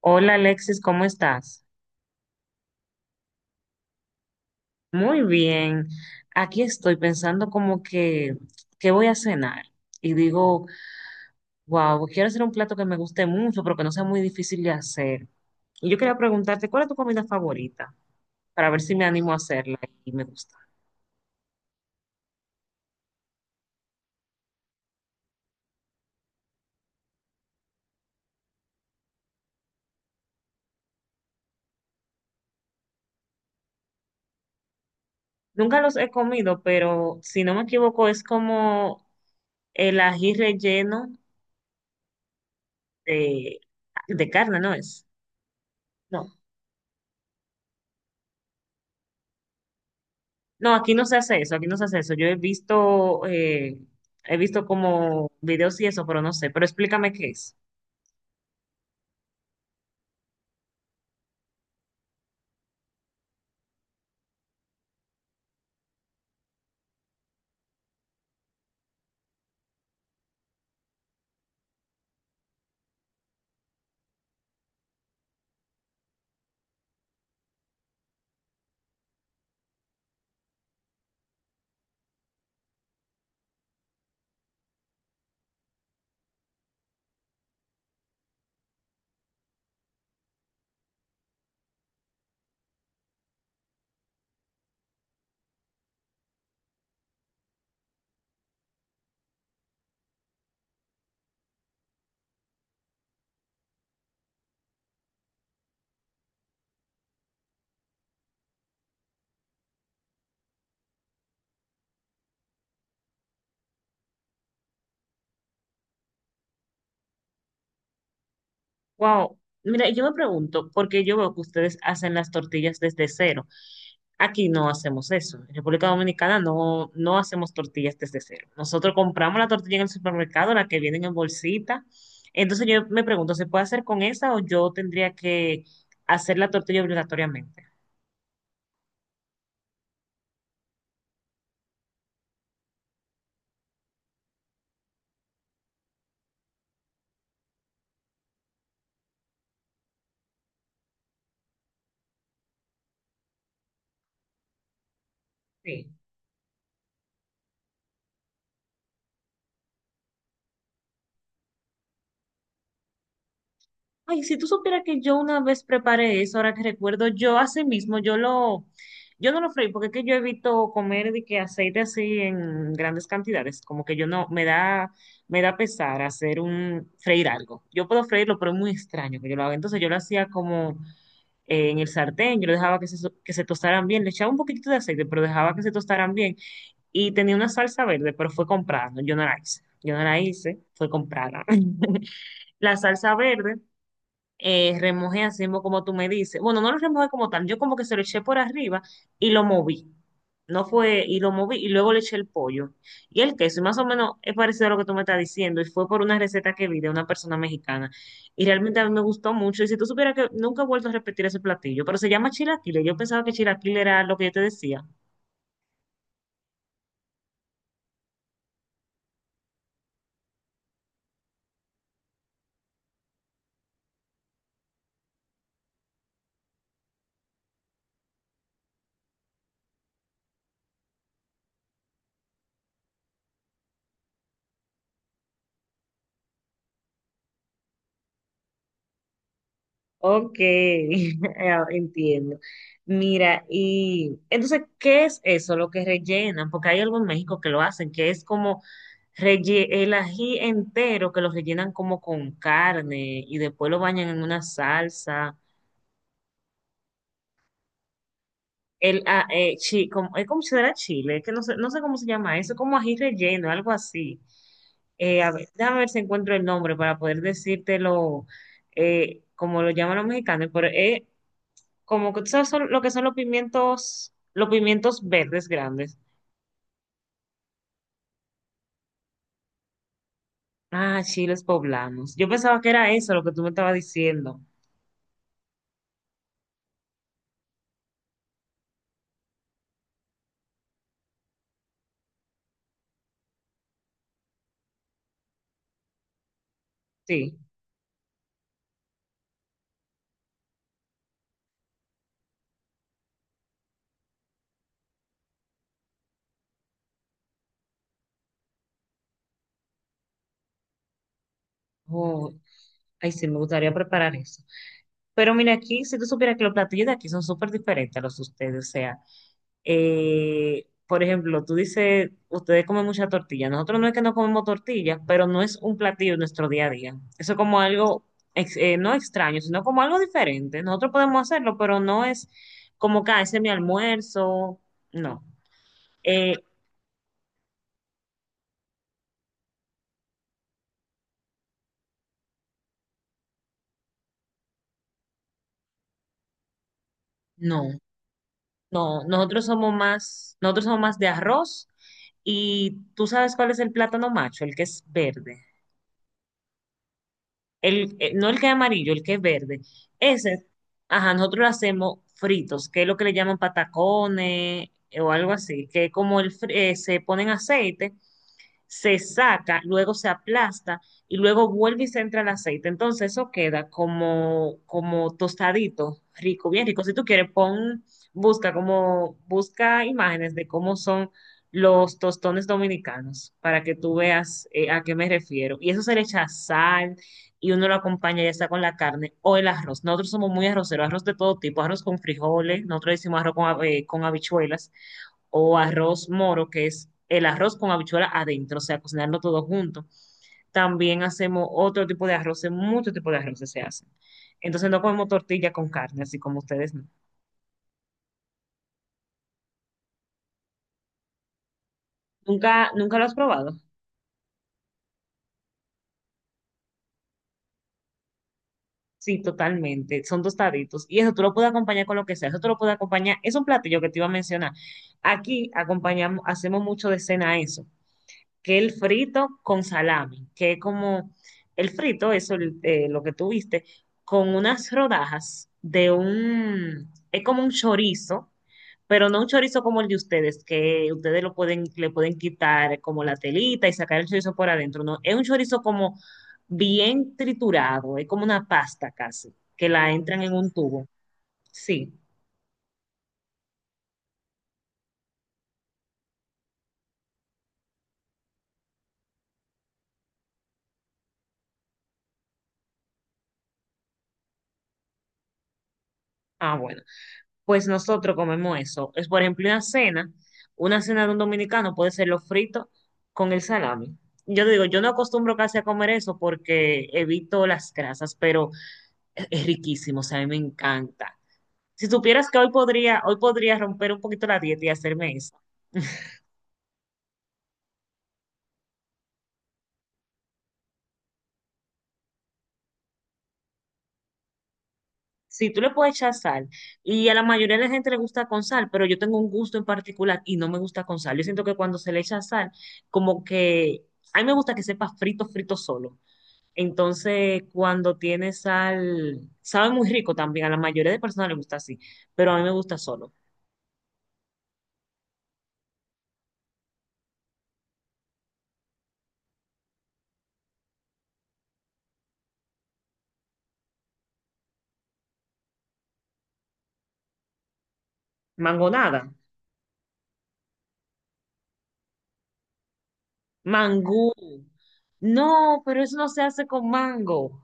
Hola Alexis, ¿cómo estás? Muy bien. Aquí estoy pensando como que, ¿qué voy a cenar? Y digo, wow, quiero hacer un plato que me guste mucho, pero que no sea muy difícil de hacer. Y yo quería preguntarte, ¿cuál es tu comida favorita? Para ver si me animo a hacerla y me gusta. Nunca los he comido, pero si no me equivoco, es como el ají relleno de, de carne, ¿no es? No. No, aquí no se hace eso, aquí no se hace eso. Yo he visto como videos y eso, pero no sé. Pero explícame qué es. Wow. Mira, yo me pregunto, porque yo veo que ustedes hacen las tortillas desde cero. Aquí no hacemos eso. En República Dominicana no hacemos tortillas desde cero. Nosotros compramos la tortilla en el supermercado, la que vienen en bolsita. Entonces yo me pregunto, ¿se puede hacer con esa o yo tendría que hacer la tortilla obligatoriamente? Sí. Ay, si tú supieras que yo una vez preparé eso, ahora que recuerdo, yo así mismo, yo no lo freí, porque es que yo evito comer de que aceite así en grandes cantidades, como que yo no, me da pesar hacer un, freír algo. Yo puedo freírlo, pero es muy extraño que yo lo haga. Entonces yo lo hacía como en el sartén, yo lo dejaba que se, so- que se tostaran bien, le echaba un poquitito de aceite, pero dejaba que se tostaran bien. Y tenía una salsa verde, pero fue comprada, no, yo no la hice. Yo no la hice, fue comprada. La salsa verde remojé así mismo como tú me dices. Bueno, no lo remojé como tal, yo como que se lo eché por arriba y lo moví. No fue, y lo moví y luego le eché el pollo y el queso. Y más o menos es parecido a lo que tú me estás diciendo. Y fue por una receta que vi de una persona mexicana. Y realmente a mí me gustó mucho. Y si tú supieras que nunca he vuelto a repetir ese platillo, pero se llama chilaquiles. Yo pensaba que chilaquiles era lo que yo te decía. Ok, ah, entiendo. Mira, y entonces, ¿qué es eso lo que rellenan? Porque hay algo en México que lo hacen, que es como relle- el ají entero, que lo rellenan como con carne y después lo bañan en una salsa. El, ah, chi- como, es como si fuera chile, que no sé, no sé cómo se llama eso, como ají relleno, algo así. A ver, déjame ver si encuentro el nombre para poder decírtelo como lo llaman los mexicanos, pero es como que sabes son- lo que son los pimientos verdes grandes. Ah, chiles poblanos. Yo pensaba que era eso lo que tú me estabas diciendo. Sí. Oh, ay, sí, me gustaría preparar eso. Pero mira aquí, si tú supieras que los platillos de aquí son súper diferentes a los de ustedes, o sea, por ejemplo, tú dices, ustedes comen mucha tortilla. Nosotros no es que no comemos tortilla, pero no es un platillo en nuestro día a día. Eso es como algo, ex- no extraño, sino como algo diferente. Nosotros podemos hacerlo, pero no es como que "Ah, ese es mi almuerzo. No. Eh, no, no. Nosotros somos más de arroz. Y tú sabes cuál es el plátano macho, el que es verde. No el que es amarillo, el que es verde. Ese, ajá, nosotros lo hacemos fritos, que es lo que le llaman patacones o algo así, que es como el, fri- se ponen aceite se saca, luego se aplasta y luego vuelve y se entra el aceite. Entonces eso queda como, como tostadito, rico, bien rico. Si tú quieres, pon, busca como, busca imágenes de cómo son los tostones dominicanos para que tú veas a qué me refiero. Y eso se le echa sal y uno lo acompaña ya sea con la carne o el arroz. Nosotros somos muy arroceros, arroz de todo tipo, arroz con frijoles, nosotros decimos arroz con, hab- con habichuelas o arroz moro, que es el arroz con habichuela adentro, o sea, cocinarlo todo junto. También hacemos otro tipo de arroces, muchos tipos de arroces se hacen. Entonces no comemos tortilla con carne, así como ustedes no. ¿Nunca, nunca lo has probado? Sí, totalmente. Son tostaditos. Y eso tú lo puedes acompañar con lo que sea. Eso tú lo puedes acompañar. Es un platillo que te iba a mencionar. Aquí acompañamos, hacemos mucho de cena eso. Que el frito con salami, que es como el frito, eso el- lo que tú viste, con unas rodajas de un, es como un chorizo, pero no un chorizo como el de ustedes, que ustedes lo pueden, le pueden quitar como la telita y sacar el chorizo por adentro, no, es un chorizo como bien triturado, es como una pasta casi, que la entran en un tubo. Sí, ah, bueno. Pues nosotros comemos eso. Es, por ejemplo, una cena de un dominicano puede ser los fritos con el salami. Yo te digo, yo no acostumbro casi a comer eso porque evito las grasas, pero es riquísimo, o sea, a mí me encanta. Si supieras que hoy podría romper un poquito la dieta y hacerme eso. Sí, tú le puedes echar sal. Y a la mayoría de la gente le gusta con sal, pero yo tengo un gusto en particular y no me gusta con sal. Yo siento que cuando se le echa sal, como que a mí me gusta que sepa frito, frito solo. Entonces, cuando tiene sal, sabe muy rico también. A la mayoría de personas le gusta así, pero a mí me gusta solo. Mangonada, mangú. No, pero eso no se hace con mango.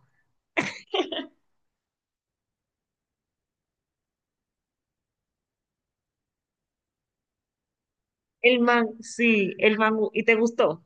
El man, sí, el mangú. ¿Y te gustó?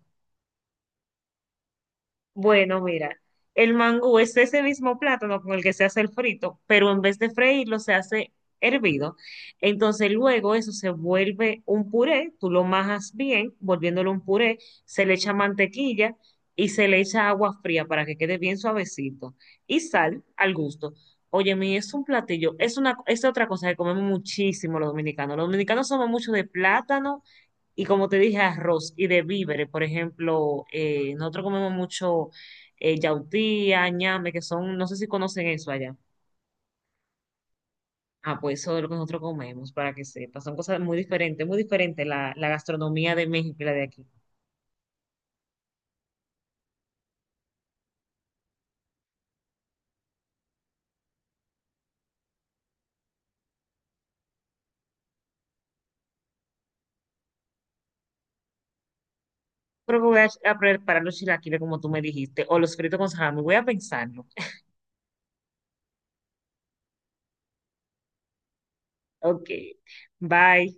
Bueno, mira, el mangú es ese mismo plátano con el que se hace el frito, pero en vez de freírlo se hace hervido. Entonces luego eso se vuelve un puré, tú lo majas bien, volviéndolo un puré, se le echa mantequilla y se le echa agua fría para que quede bien suavecito y sal al gusto. Oye, mi, es un platillo, es una, es otra cosa que comemos muchísimo los dominicanos. Los dominicanos somos mucho de plátano y como te dije, arroz y de víveres. Por ejemplo, nosotros comemos mucho yautía, ñame, que son, no sé si conocen eso allá. Ah, pues eso es lo que nosotros comemos, para que sepas. Son cosas muy diferentes la gastronomía de México y la de aquí. Creo que voy a preparar los chilaquiles como tú me dijiste, o los fritos con salami. Voy a pensarlo. Ok, bye.